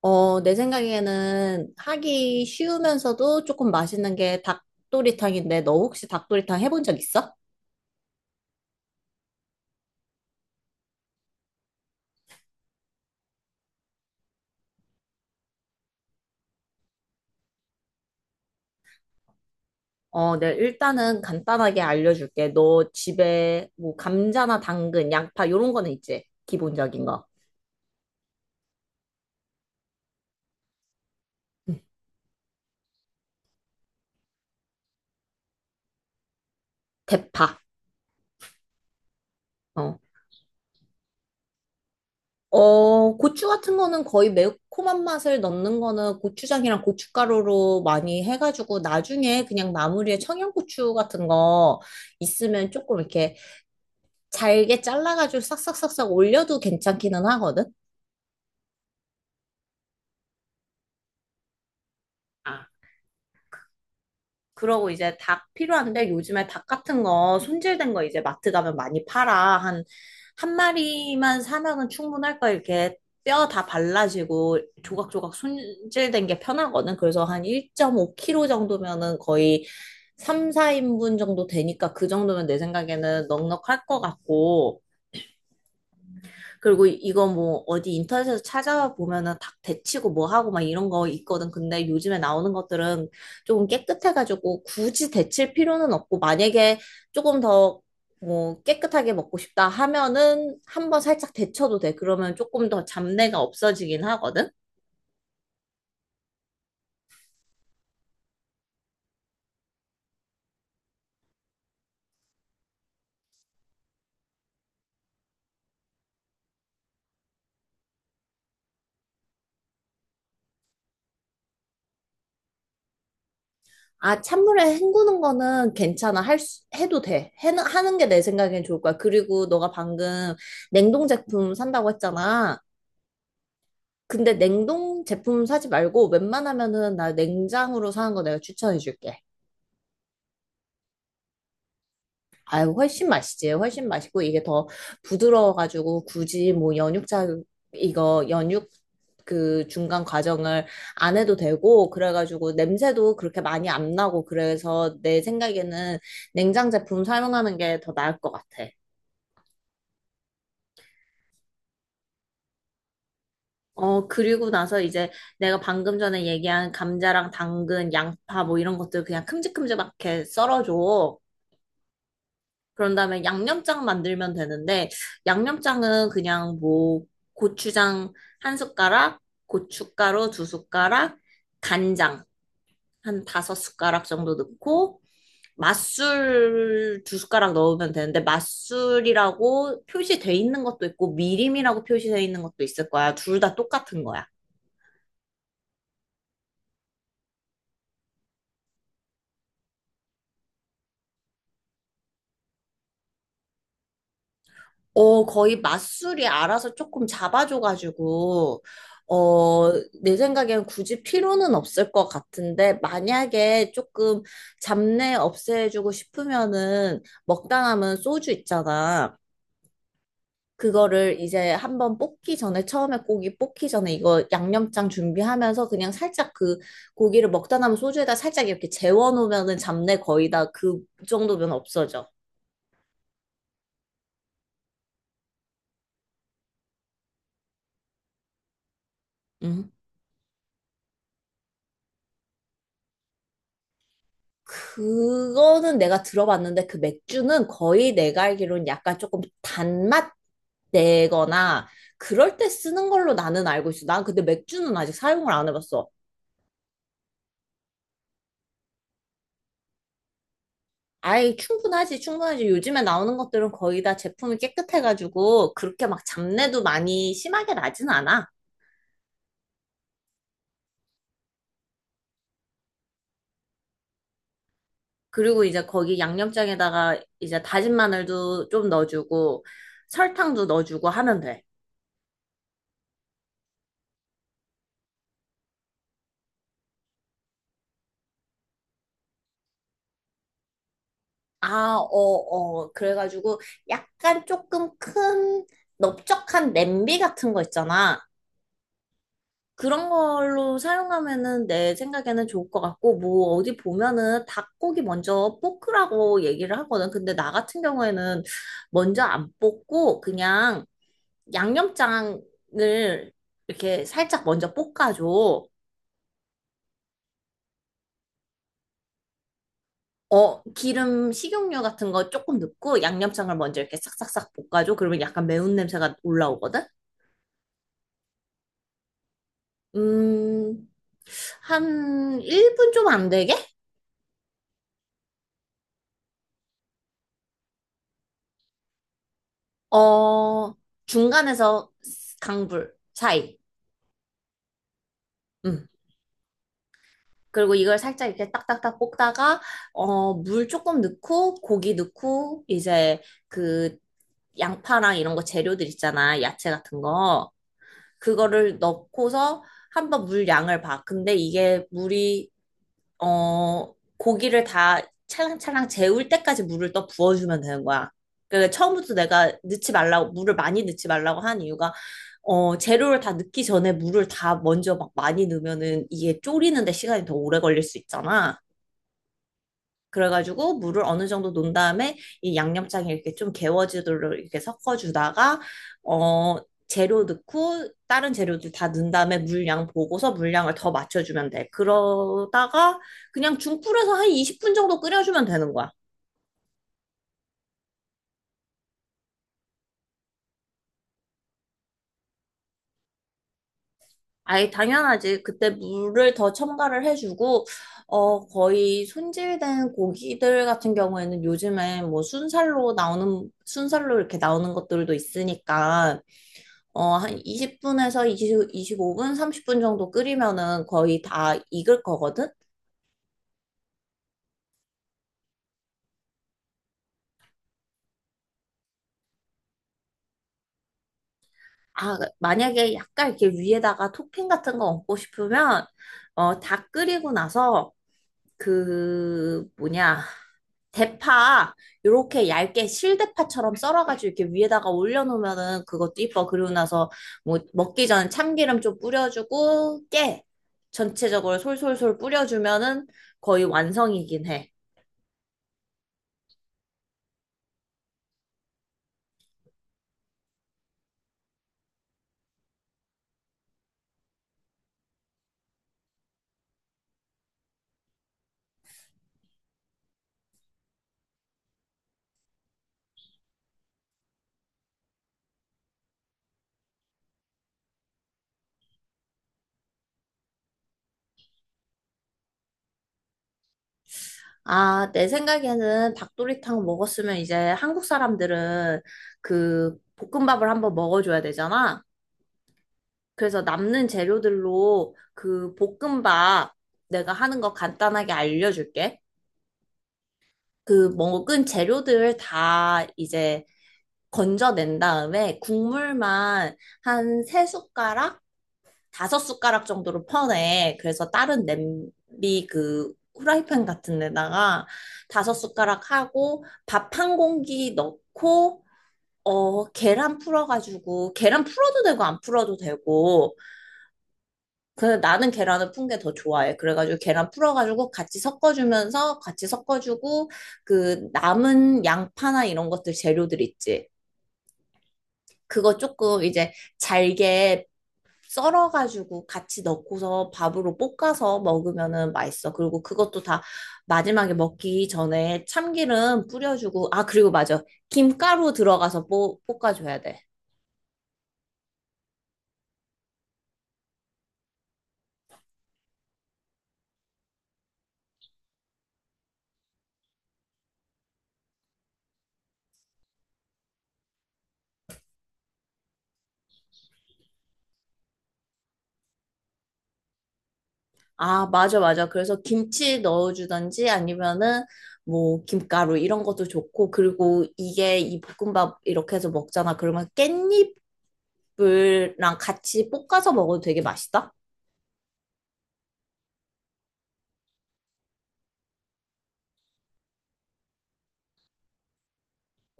내 생각에는 하기 쉬우면서도 조금 맛있는 게 닭도리탕인데, 너 혹시 닭도리탕 해본 적 있어? 네, 일단은 간단하게 알려줄게. 너 집에 뭐 감자나 당근, 양파 요런 거는 있지? 기본적인 거. 음, 대파. 어. 고추 같은 거는 거의 매콤한 맛을 넣는 거는 고추장이랑 고춧가루로 많이 해가지고 나중에 그냥 마무리에 청양고추 같은 거 있으면 조금 이렇게 잘게 잘라가지고 싹싹싹싹 올려도 괜찮기는 하거든? 아, 그러고 이제 닭 필요한데 요즘에 닭 같은 거 손질된 거 이제 마트 가면 많이 팔아. 한 마리만 사면은 충분할 거야. 이렇게 뼈 다 발라지고 조각조각 손질된 게 편하거든. 그래서 한 1.5kg 정도면은 거의 3, 4인분 정도 되니까 그 정도면 내 생각에는 넉넉할 것 같고. 그리고 이거 뭐 어디 인터넷에서 찾아보면은 닭 데치고 뭐 하고 막 이런 거 있거든. 근데 요즘에 나오는 것들은 조금 깨끗해가지고 굳이 데칠 필요는 없고 만약에 조금 더 뭐 깨끗하게 먹고 싶다 하면은 한번 살짝 데쳐도 돼. 그러면 조금 더 잡내가 없어지긴 하거든. 아, 찬물에 헹구는 거는 괜찮아. 할 수, 해도 돼. 하는 게 내 생각엔 좋을 거야. 그리고 너가 방금 냉동 제품 산다고 했잖아. 근데 냉동 제품 사지 말고 웬만하면은 나 냉장으로 사는 거 내가 추천해 줄게. 아유, 훨씬 맛있지. 훨씬 맛있고 이게 더 부드러워가지고 굳이 뭐 연육자, 이거 연육 그 중간 과정을 안 해도 되고 그래가지고 냄새도 그렇게 많이 안 나고 그래서 내 생각에는 냉장 제품 사용하는 게 더 나을 것 같아. 그리고 나서 이제 내가 방금 전에 얘기한 감자랑 당근, 양파 뭐 이런 것들 그냥 큼직큼직하게 썰어줘. 그런 다음에 양념장 만들면 되는데, 양념장은 그냥 뭐, 고추장 한 숟가락, 고춧가루 두 숟가락, 간장 한 다섯 숟가락 정도 넣고, 맛술 두 숟가락 넣으면 되는데, 맛술이라고 표시돼 있는 것도 있고, 미림이라고 표시돼 있는 것도 있을 거야. 둘 다 똑같은 거야. 거의 맞술이 알아서 조금 잡아줘가지고, 어, 내 생각엔 굳이 필요는 없을 것 같은데, 만약에 조금 잡내 없애주고 싶으면은, 먹다남은 소주 있잖아. 그거를 이제 한번 볶기 전에, 처음에 고기 볶기 전에 이거 양념장 준비하면서 그냥 살짝 그 고기를 먹다 남은 소주에다 살짝 이렇게 재워놓으면은 잡내 거의 다 그 정도면 없어져. 응? 그거는 내가 들어봤는데 그 맥주는 거의 내가 알기로는 약간 조금 단맛 내거나 그럴 때 쓰는 걸로 나는 알고 있어. 난 근데 맥주는 아직 사용을 안 해봤어. 아이, 충분하지, 충분하지. 요즘에 나오는 것들은 거의 다 제품이 깨끗해가지고 그렇게 막 잡내도 많이 심하게 나진 않아. 그리고 이제 거기 양념장에다가 이제 다진 마늘도 좀 넣어주고 설탕도 넣어주고 하면 돼. 아, 어, 어. 그래가지고 약간 조금 큰 넓적한 냄비 같은 거 있잖아. 그런 걸로 사용하면은 내 생각에는 좋을 것 같고, 뭐 어디 보면은 닭고기 먼저 볶으라고 얘기를 하거든. 근데 나 같은 경우에는 먼저 안 볶고 그냥 양념장을 이렇게 살짝 먼저 볶아줘. 어, 기름, 식용유 같은 거 조금 넣고 양념장을 먼저 이렇게 싹싹싹 볶아줘. 그러면 약간 매운 냄새가 올라오거든? 음, 한 1분 좀 안 되게? 어, 중간에서 강불 사이. 음. 그리고 이걸 살짝 이렇게 딱딱딱 볶다가, 어, 물 조금 넣고, 고기 넣고, 이제 그 양파랑 이런 거 재료들 있잖아. 야채 같은 거. 그거를 넣고서 한번 물 양을 봐. 근데 이게 물이 어, 고기를 다 차랑차랑 재울 때까지 물을 또 부어주면 되는 거야. 그 처음부터 내가 넣지 말라고, 물을 많이 넣지 말라고 한 이유가, 재료를 다 넣기 전에 물을 다 먼저 막 많이 넣으면은 이게 졸이는데 시간이 더 오래 걸릴 수 있잖아. 그래가지고 물을 어느 정도 놓은 다음에 이 양념장에 이렇게 좀 개워지도록 이렇게 섞어주다가 어 재료 넣고 다른 재료들 다 넣은 다음에 물량 보고서 물량을 더 맞춰주면 돼. 그러다가 그냥 중불에서 한 20분 정도 끓여주면 되는 거야. 아예 당연하지. 그때 물을 더 첨가를 해주고 거의 손질된 고기들 같은 경우에는 요즘에 뭐 순살로 나오는 순살로 이렇게 나오는 것들도 있으니까 한 20분에서 2 5분 30분 정도 끓이면은 거의 다 익을 거거든? 아, 만약에 약간 이렇게 위에다가 토핑 같은 거 얹고 싶으면, 어, 다 끓이고 나서 그, 뭐냐, 대파, 요렇게 얇게 실대파처럼 썰어가지고 이렇게 위에다가 올려놓으면은 그것도 이뻐. 그리고 나서 뭐 먹기 전에 참기름 좀 뿌려주고, 깨. 전체적으로 솔솔솔 뿌려주면은 거의 완성이긴 해. 아, 내 생각에는 닭도리탕 먹었으면 이제 한국 사람들은 그 볶음밥을 한번 먹어줘야 되잖아. 그래서 남는 재료들로 그 볶음밥 내가 하는 거 간단하게 알려줄게. 그 먹은 재료들 다 이제 건져낸 다음에 국물만 한 세 숟가락? 다섯 숟가락 정도로 퍼내. 그래서 다른 냄비 그 후라이팬 같은 데다가 다섯 숟가락 하고 밥 한 공기 넣고 계란 풀어가지고 계란 풀어도 되고 안 풀어도 되고 근데 나는 계란을 푼 게 더 좋아해. 그래가지고 계란 풀어가지고 같이 섞어주면서 같이 섞어주고 그 남은 양파나 이런 것들 재료들 있지. 그거 조금 이제 잘게 썰어가지고 같이 넣고서 밥으로 볶아서 먹으면은 맛있어. 그리고 그것도 다 마지막에 먹기 전에 참기름 뿌려주고, 아, 그리고 맞아. 김가루 들어가서 볶아줘야 돼. 아, 맞아, 맞아. 그래서 김치 넣어주던지 아니면은 뭐 김가루 이런 것도 좋고, 그리고 이게 이 볶음밥 이렇게 해서 먹잖아. 그러면 깻잎이랑 같이 볶아서 먹어도 되게 맛있다.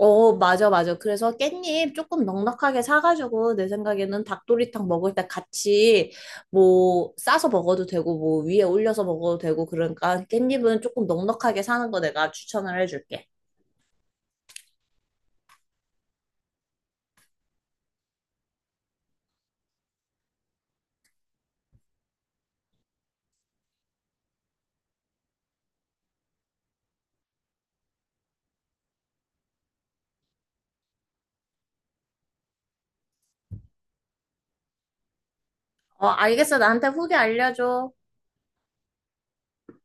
어, 맞아, 맞아. 그래서 깻잎 조금 넉넉하게 사가지고, 내 생각에는 닭도리탕 먹을 때 같이, 뭐, 싸서 먹어도 되고, 뭐, 위에 올려서 먹어도 되고, 그러니까 깻잎은 조금 넉넉하게 사는 거 내가 추천을 해줄게. 어, 알겠어. 나한테 후기 알려줘.